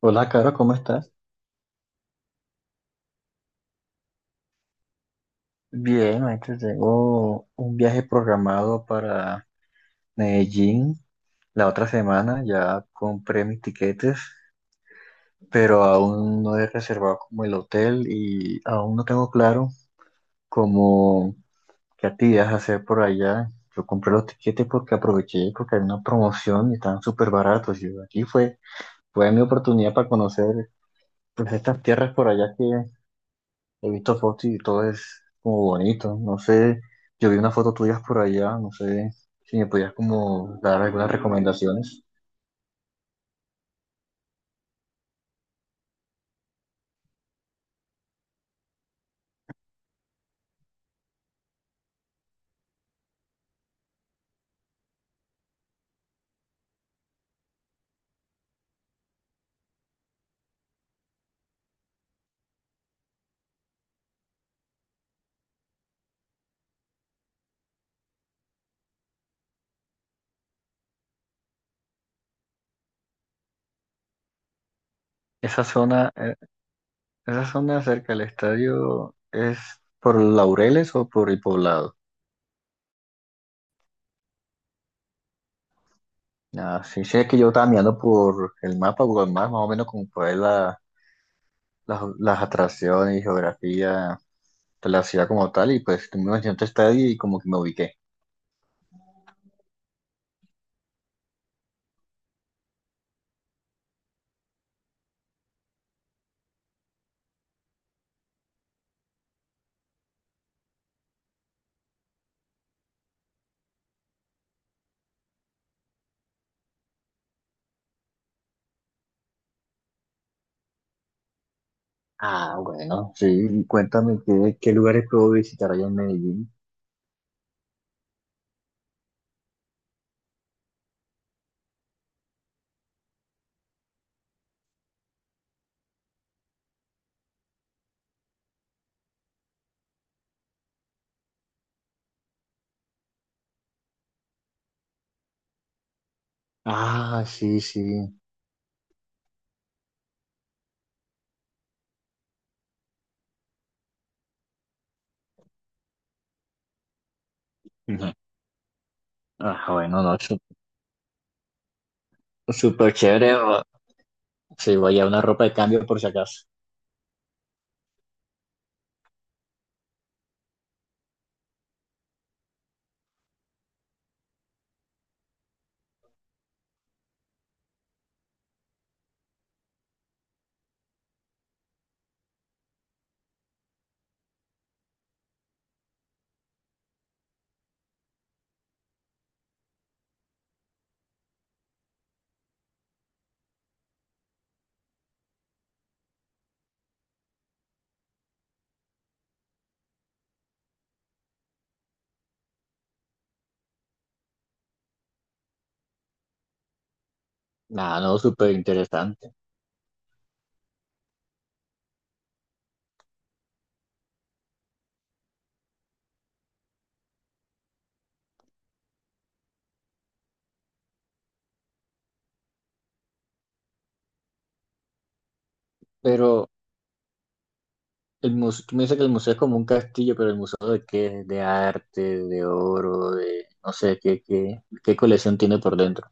Hola, Caro, ¿cómo estás? Bien, ahorita tengo un viaje programado para Medellín la otra semana. Ya compré mis tiquetes, pero aún no he reservado como el hotel y aún no tengo claro como qué actividades hacer por allá. Yo compré los tiquetes porque aproveché, porque hay una promoción y estaban súper baratos. Y aquí fue mi oportunidad para conocer pues estas tierras por allá que he visto fotos y todo es como bonito. No sé, yo vi unas fotos tuyas por allá, no sé si me podías como dar algunas recomendaciones. Esa zona, eh, esa zona cerca del estadio es por Laureles o por el Poblado. Ah, sí, sí, es que yo estaba mirando por el mapa, Google Maps, más o menos como por ahí las atracciones y geografía de la ciudad como tal, y pues tú me mencionaste estadio y como que me ubiqué. Ah, bueno, sí, cuéntame qué lugares puedo visitar allá en Medellín. Ah, sí, sí. Ujú. Ah, bueno, no, súper chévere. Sí, voy a una ropa de cambio por si acaso. Nada, no, súper interesante. Pero el museo, tú me dices que el museo es como un castillo, pero el museo de qué, de arte, de oro, de no sé qué, qué colección tiene por dentro.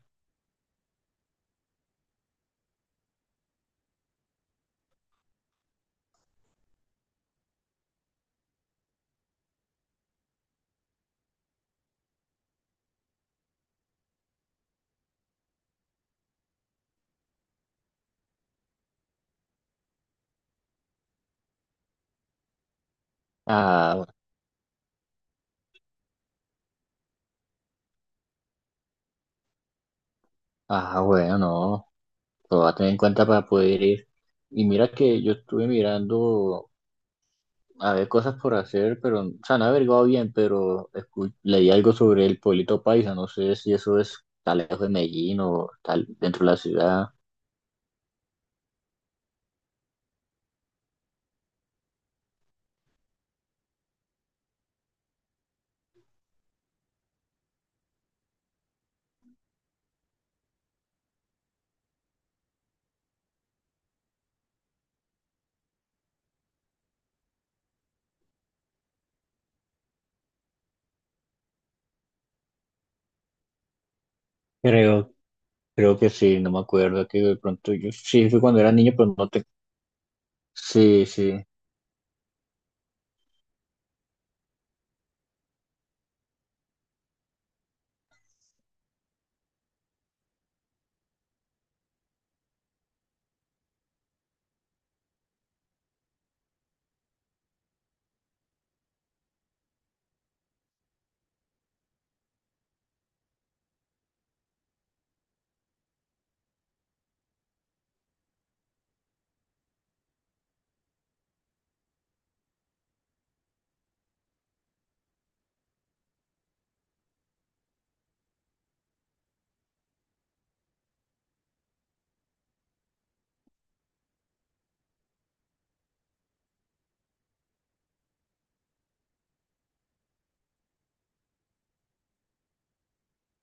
Ah, ah, bueno, no, lo voy a tener en cuenta para poder ir. Y mira que yo estuve mirando. Había cosas por hacer, pero, o sea, no he averiguado bien, pero leí algo sobre el pueblito paisa, no sé si eso es tal lejos de Medellín o tal dentro de la ciudad. Creo, creo que sí, no me acuerdo, que de pronto yo sí fui cuando era niño, pero no te... Sí, sí,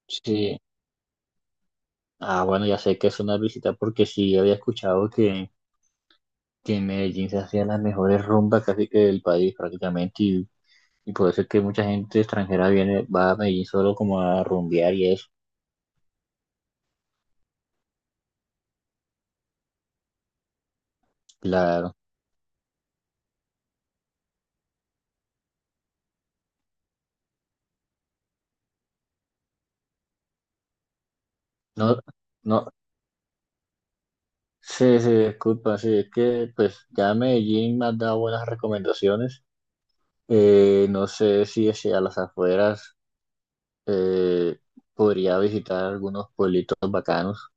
sí. Ah, bueno, ya sé que es una visita porque sí había escuchado que en Medellín se hacían las mejores rumbas casi que del país prácticamente y por eso es que mucha gente extranjera viene, va a Medellín solo como a rumbear y eso. Claro. No, no, sí, sí, disculpa, sí, es que pues ya Medellín me ha dado buenas recomendaciones. No sé si hacia las afueras eh, podría visitar algunos pueblitos bacanos.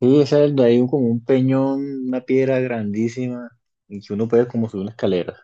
Sí, ese es de ahí como un peñón, una piedra grandísima y que uno puede como subir una escalera.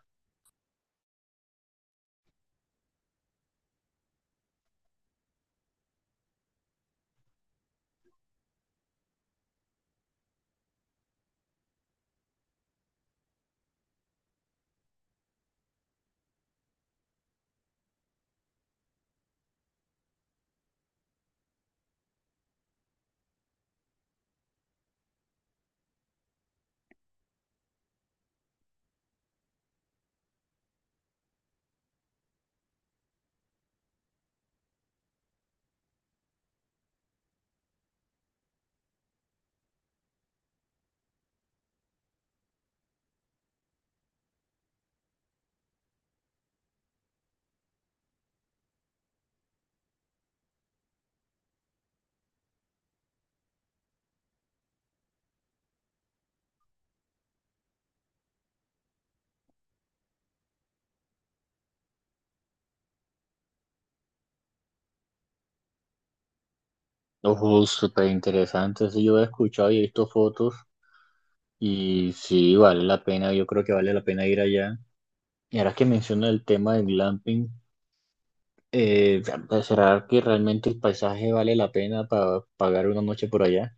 Ojo, súper interesante, sí, yo he escuchado y he visto fotos y sí, vale la pena, yo creo que vale la pena ir allá. Y ahora que menciona el tema del glamping. Eh, ¿Será que realmente el paisaje vale la pena para pagar una noche por allá?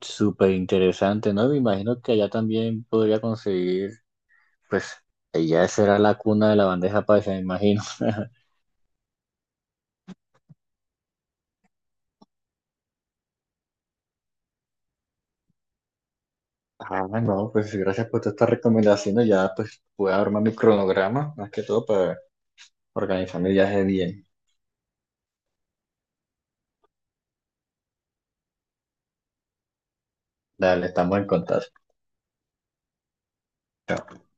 Súper interesante, ¿no? Me imagino que allá también podría conseguir, pues, ella será la cuna de la bandeja paisa, me imagino. Ah, no, pues gracias por todas estas recomendaciones. Ya pues voy a armar mi cronograma, más que todo para organizar mi viaje bien. Dale, estamos en contacto. Chao.